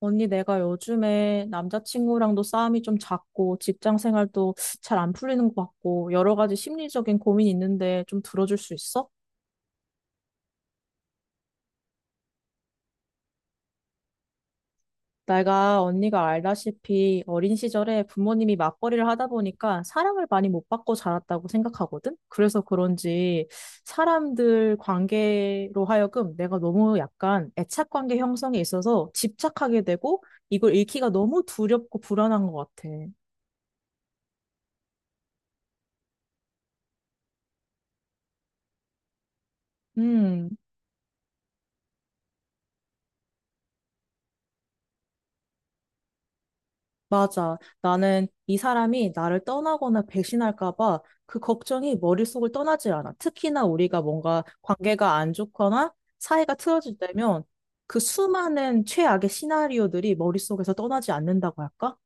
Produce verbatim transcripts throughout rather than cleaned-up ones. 언니, 내가 요즘에 남자친구랑도 싸움이 좀 잦고, 직장 생활도 잘 안 풀리는 것 같고, 여러 가지 심리적인 고민이 있는데 좀 들어줄 수 있어? 내가 언니가 알다시피 어린 시절에 부모님이 맞벌이를 하다 보니까 사랑을 많이 못 받고 자랐다고 생각하거든? 그래서 그런지 사람들 관계로 하여금 내가 너무 약간 애착 관계 형성에 있어서 집착하게 되고, 이걸 잃기가 너무 두렵고 불안한 것 같아. 음. 맞아. 나는 이 사람이 나를 떠나거나 배신할까 봐 그 걱정이 머릿속을 떠나질 않아. 특히나 우리가 뭔가 관계가 안 좋거나 사이가 틀어질 때면 그 수많은 최악의 시나리오들이 머릿속에서 떠나지 않는다고 할까?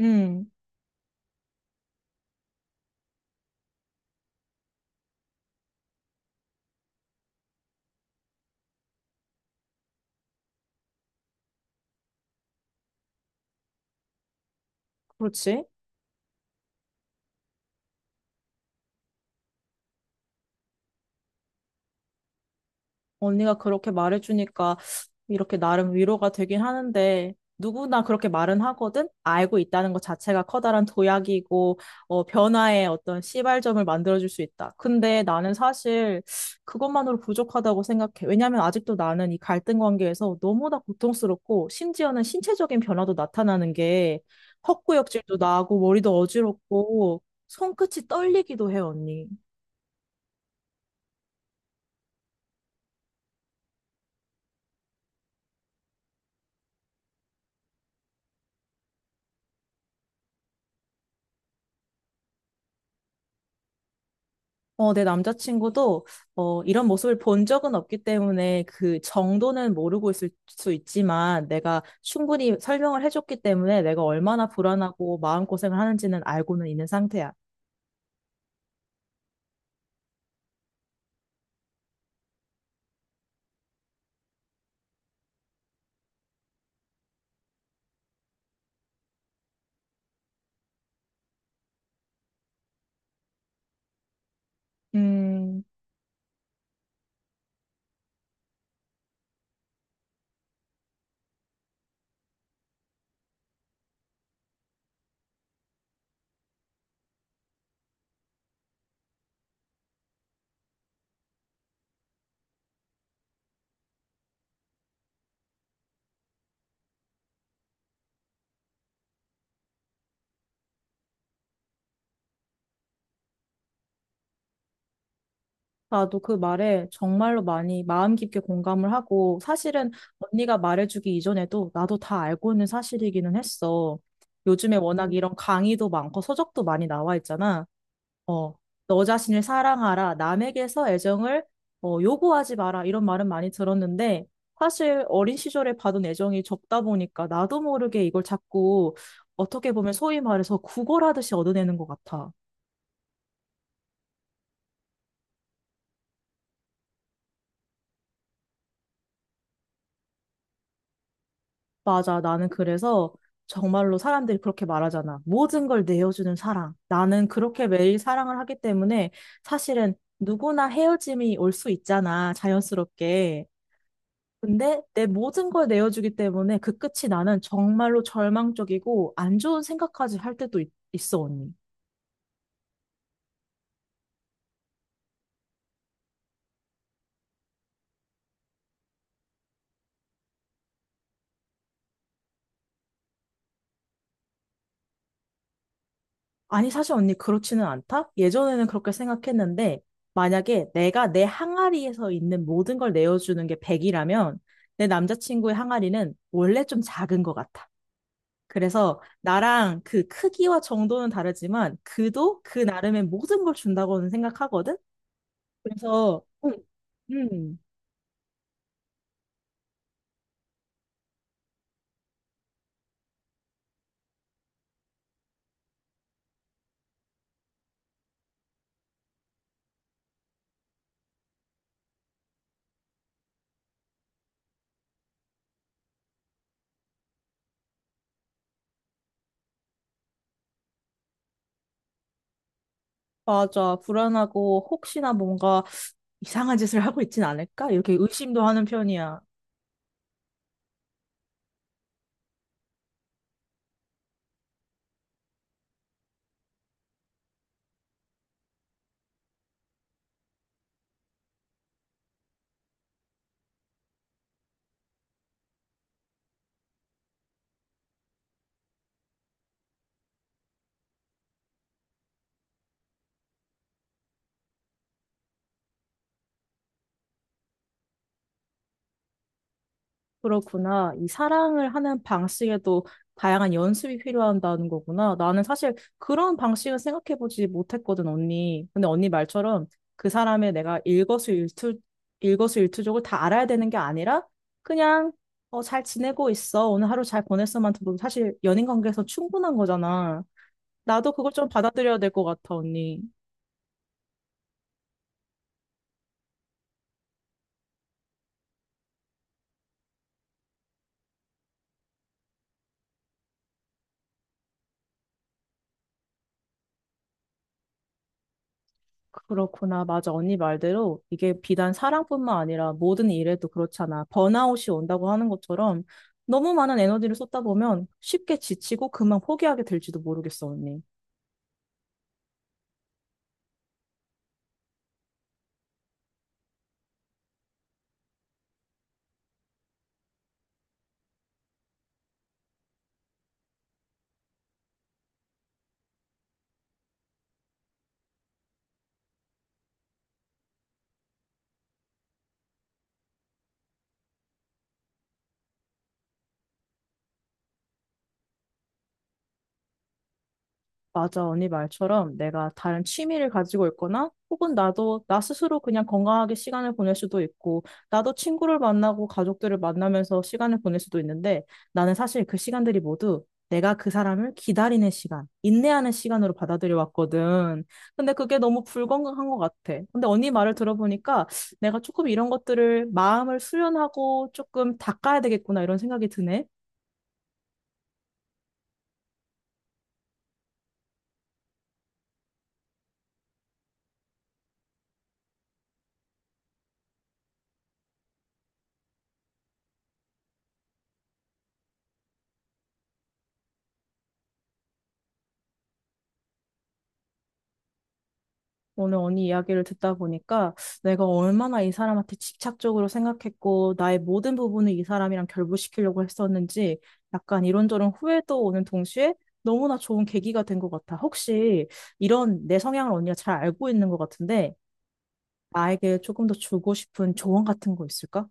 음, 그렇지. 언니가 그렇게 말해주니까 이렇게 나름 위로가 되긴 하는데 누구나 그렇게 말은 하거든? 알고 있다는 것 자체가 커다란 도약이고 어, 변화의 어떤 시발점을 만들어줄 수 있다. 근데 나는 사실 그것만으로 부족하다고 생각해. 왜냐하면 아직도 나는 이 갈등 관계에서 너무나 고통스럽고 심지어는 신체적인 변화도 나타나는 게 헛구역질도 나고 머리도 어지럽고 손끝이 떨리기도 해, 언니. 어, 내 남자친구도 어, 이런 모습을 본 적은 없기 때문에 그 정도는 모르고 있을 수 있지만 내가 충분히 설명을 해줬기 때문에 내가 얼마나 불안하고 마음고생을 하는지는 알고는 있는 상태야. 음, 나도 그 말에 정말로 많이 마음 깊게 공감을 하고 사실은 언니가 말해주기 이전에도 나도 다 알고 있는 사실이기는 했어. 요즘에 워낙 이런 강의도 많고 서적도 많이 나와 있잖아. 어, 너 자신을 사랑하라, 남에게서 애정을 어, 요구하지 마라, 이런 말은 많이 들었는데, 사실 어린 시절에 받은 애정이 적다 보니까 나도 모르게 이걸 자꾸 어떻게 보면 소위 말해서 구걸하듯이 얻어내는 것 같아. 맞아, 나는 그래서 정말로 사람들이 그렇게 말하잖아. 모든 걸 내어주는 사랑. 나는 그렇게 매일 사랑을 하기 때문에 사실은 누구나 헤어짐이 올 수 있잖아, 자연스럽게. 근데 내 모든 걸 내어주기 때문에 그 끝이 나는 정말로 절망적이고 안 좋은 생각까지 할 때도 있, 있어, 언니. 아니, 사실 언니 그렇지는 않다? 예전에는 그렇게 생각했는데 만약에 내가 내 항아리에서 있는 모든 걸 내어주는 게 백이라면 내 남자친구의 항아리는 원래 좀 작은 것 같아. 그래서 나랑 그 크기와 정도는 다르지만 그도 그 나름의 모든 걸 준다고는 생각하거든? 그래서 음, 음. 맞아. 불안하고 혹시나 뭔가 이상한 짓을 하고 있진 않을까? 이렇게 의심도 하는 편이야. 그렇구나. 이 사랑을 하는 방식에도 다양한 연습이 필요한다는 거구나. 나는 사실 그런 방식을 생각해보지 못했거든, 언니. 근데 언니 말처럼 그 사람의 내가 일거수일투, 일거수일투족을 다 알아야 되는 게 아니라 그냥 어, 잘 지내고 있어. 오늘 하루 잘 보냈어만 들어도 사실 연인 관계에서 충분한 거잖아. 나도 그걸 좀 받아들여야 될 것 같아, 언니. 그렇구나. 맞아. 언니 말대로 이게 비단 사랑뿐만 아니라 모든 일에도 그렇잖아. 번아웃이 온다고 하는 것처럼 너무 많은 에너지를 쏟다 보면 쉽게 지치고 그만 포기하게 될지도 모르겠어, 언니. 맞아, 언니 말처럼 내가 다른 취미를 가지고 있거나 혹은 나도 나 스스로 그냥 건강하게 시간을 보낼 수도 있고 나도 친구를 만나고 가족들을 만나면서 시간을 보낼 수도 있는데 나는 사실 그 시간들이 모두 내가 그 사람을 기다리는 시간, 인내하는 시간으로 받아들여 왔거든. 근데 그게 너무 불건강한 것 같아. 근데 언니 말을 들어보니까 내가 조금 이런 것들을 마음을 수련하고 조금 닦아야 되겠구나 이런 생각이 드네. 오늘 언니 이야기를 듣다 보니까 내가 얼마나 이 사람한테 집착적으로 생각했고 나의 모든 부분을 이 사람이랑 결부시키려고 했었는지 약간 이런저런 후회도 오는 동시에 너무나 좋은 계기가 된 것 같아. 혹시 이런 내 성향을 언니가 잘 알고 있는 것 같은데 나에게 조금 더 주고 싶은 조언 같은 거 있을까?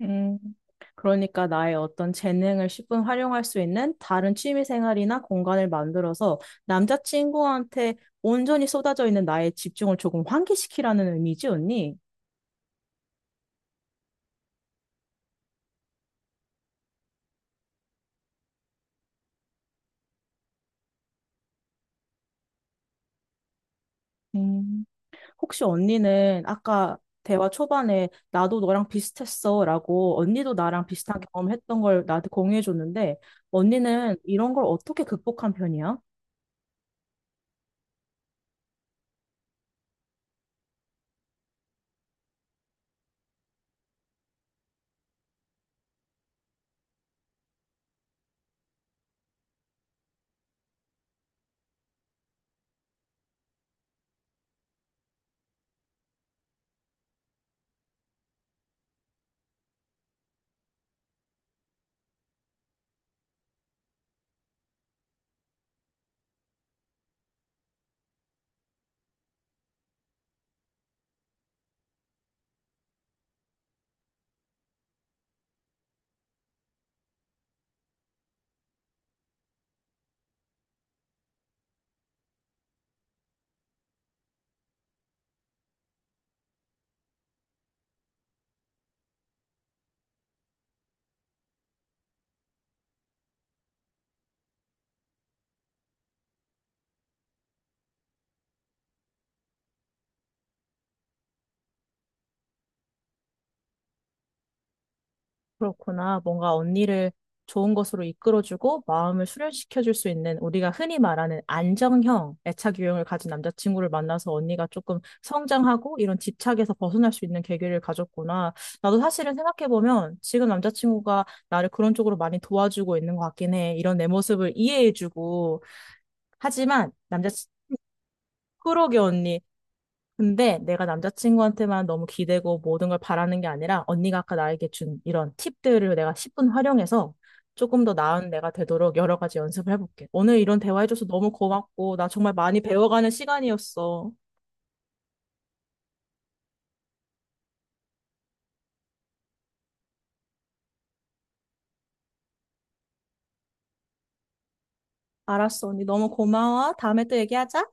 음, 그러니까 나의 어떤 재능을 십분 활용할 수 있는 다른 취미 생활이나 공간을 만들어서 남자친구한테 온전히 쏟아져 있는 나의 집중을 조금 환기시키라는 의미지, 언니? 음, 혹시 언니는 아까 대화 초반에 나도 너랑 비슷했어 라고 언니도 나랑 비슷한 경험을 했던 걸 나한테 공유해 줬는데 언니는 이런 걸 어떻게 극복한 편이야? 그렇구나. 뭔가 언니를 좋은 것으로 이끌어주고 마음을 수련시켜줄 수 있는 우리가 흔히 말하는 안정형 애착 유형을 가진 남자친구를 만나서 언니가 조금 성장하고 이런 집착에서 벗어날 수 있는 계기를 가졌구나. 나도 사실은 생각해보면 지금 남자친구가 나를 그런 쪽으로 많이 도와주고 있는 것 같긴 해. 이런 내 모습을 이해해주고. 하지만 남자, 그러게 언니. 근데 내가 남자친구한테만 너무 기대고 모든 걸 바라는 게 아니라 언니가 아까 나에게 준 이런 팁들을 내가 십분 활용해서 조금 더 나은 내가 되도록 여러 가지 연습을 해볼게. 오늘 이런 대화해줘서 너무 고맙고 나 정말 많이 배워가는 시간이었어. 알았어, 언니. 너무 고마워. 다음에 또 얘기하자.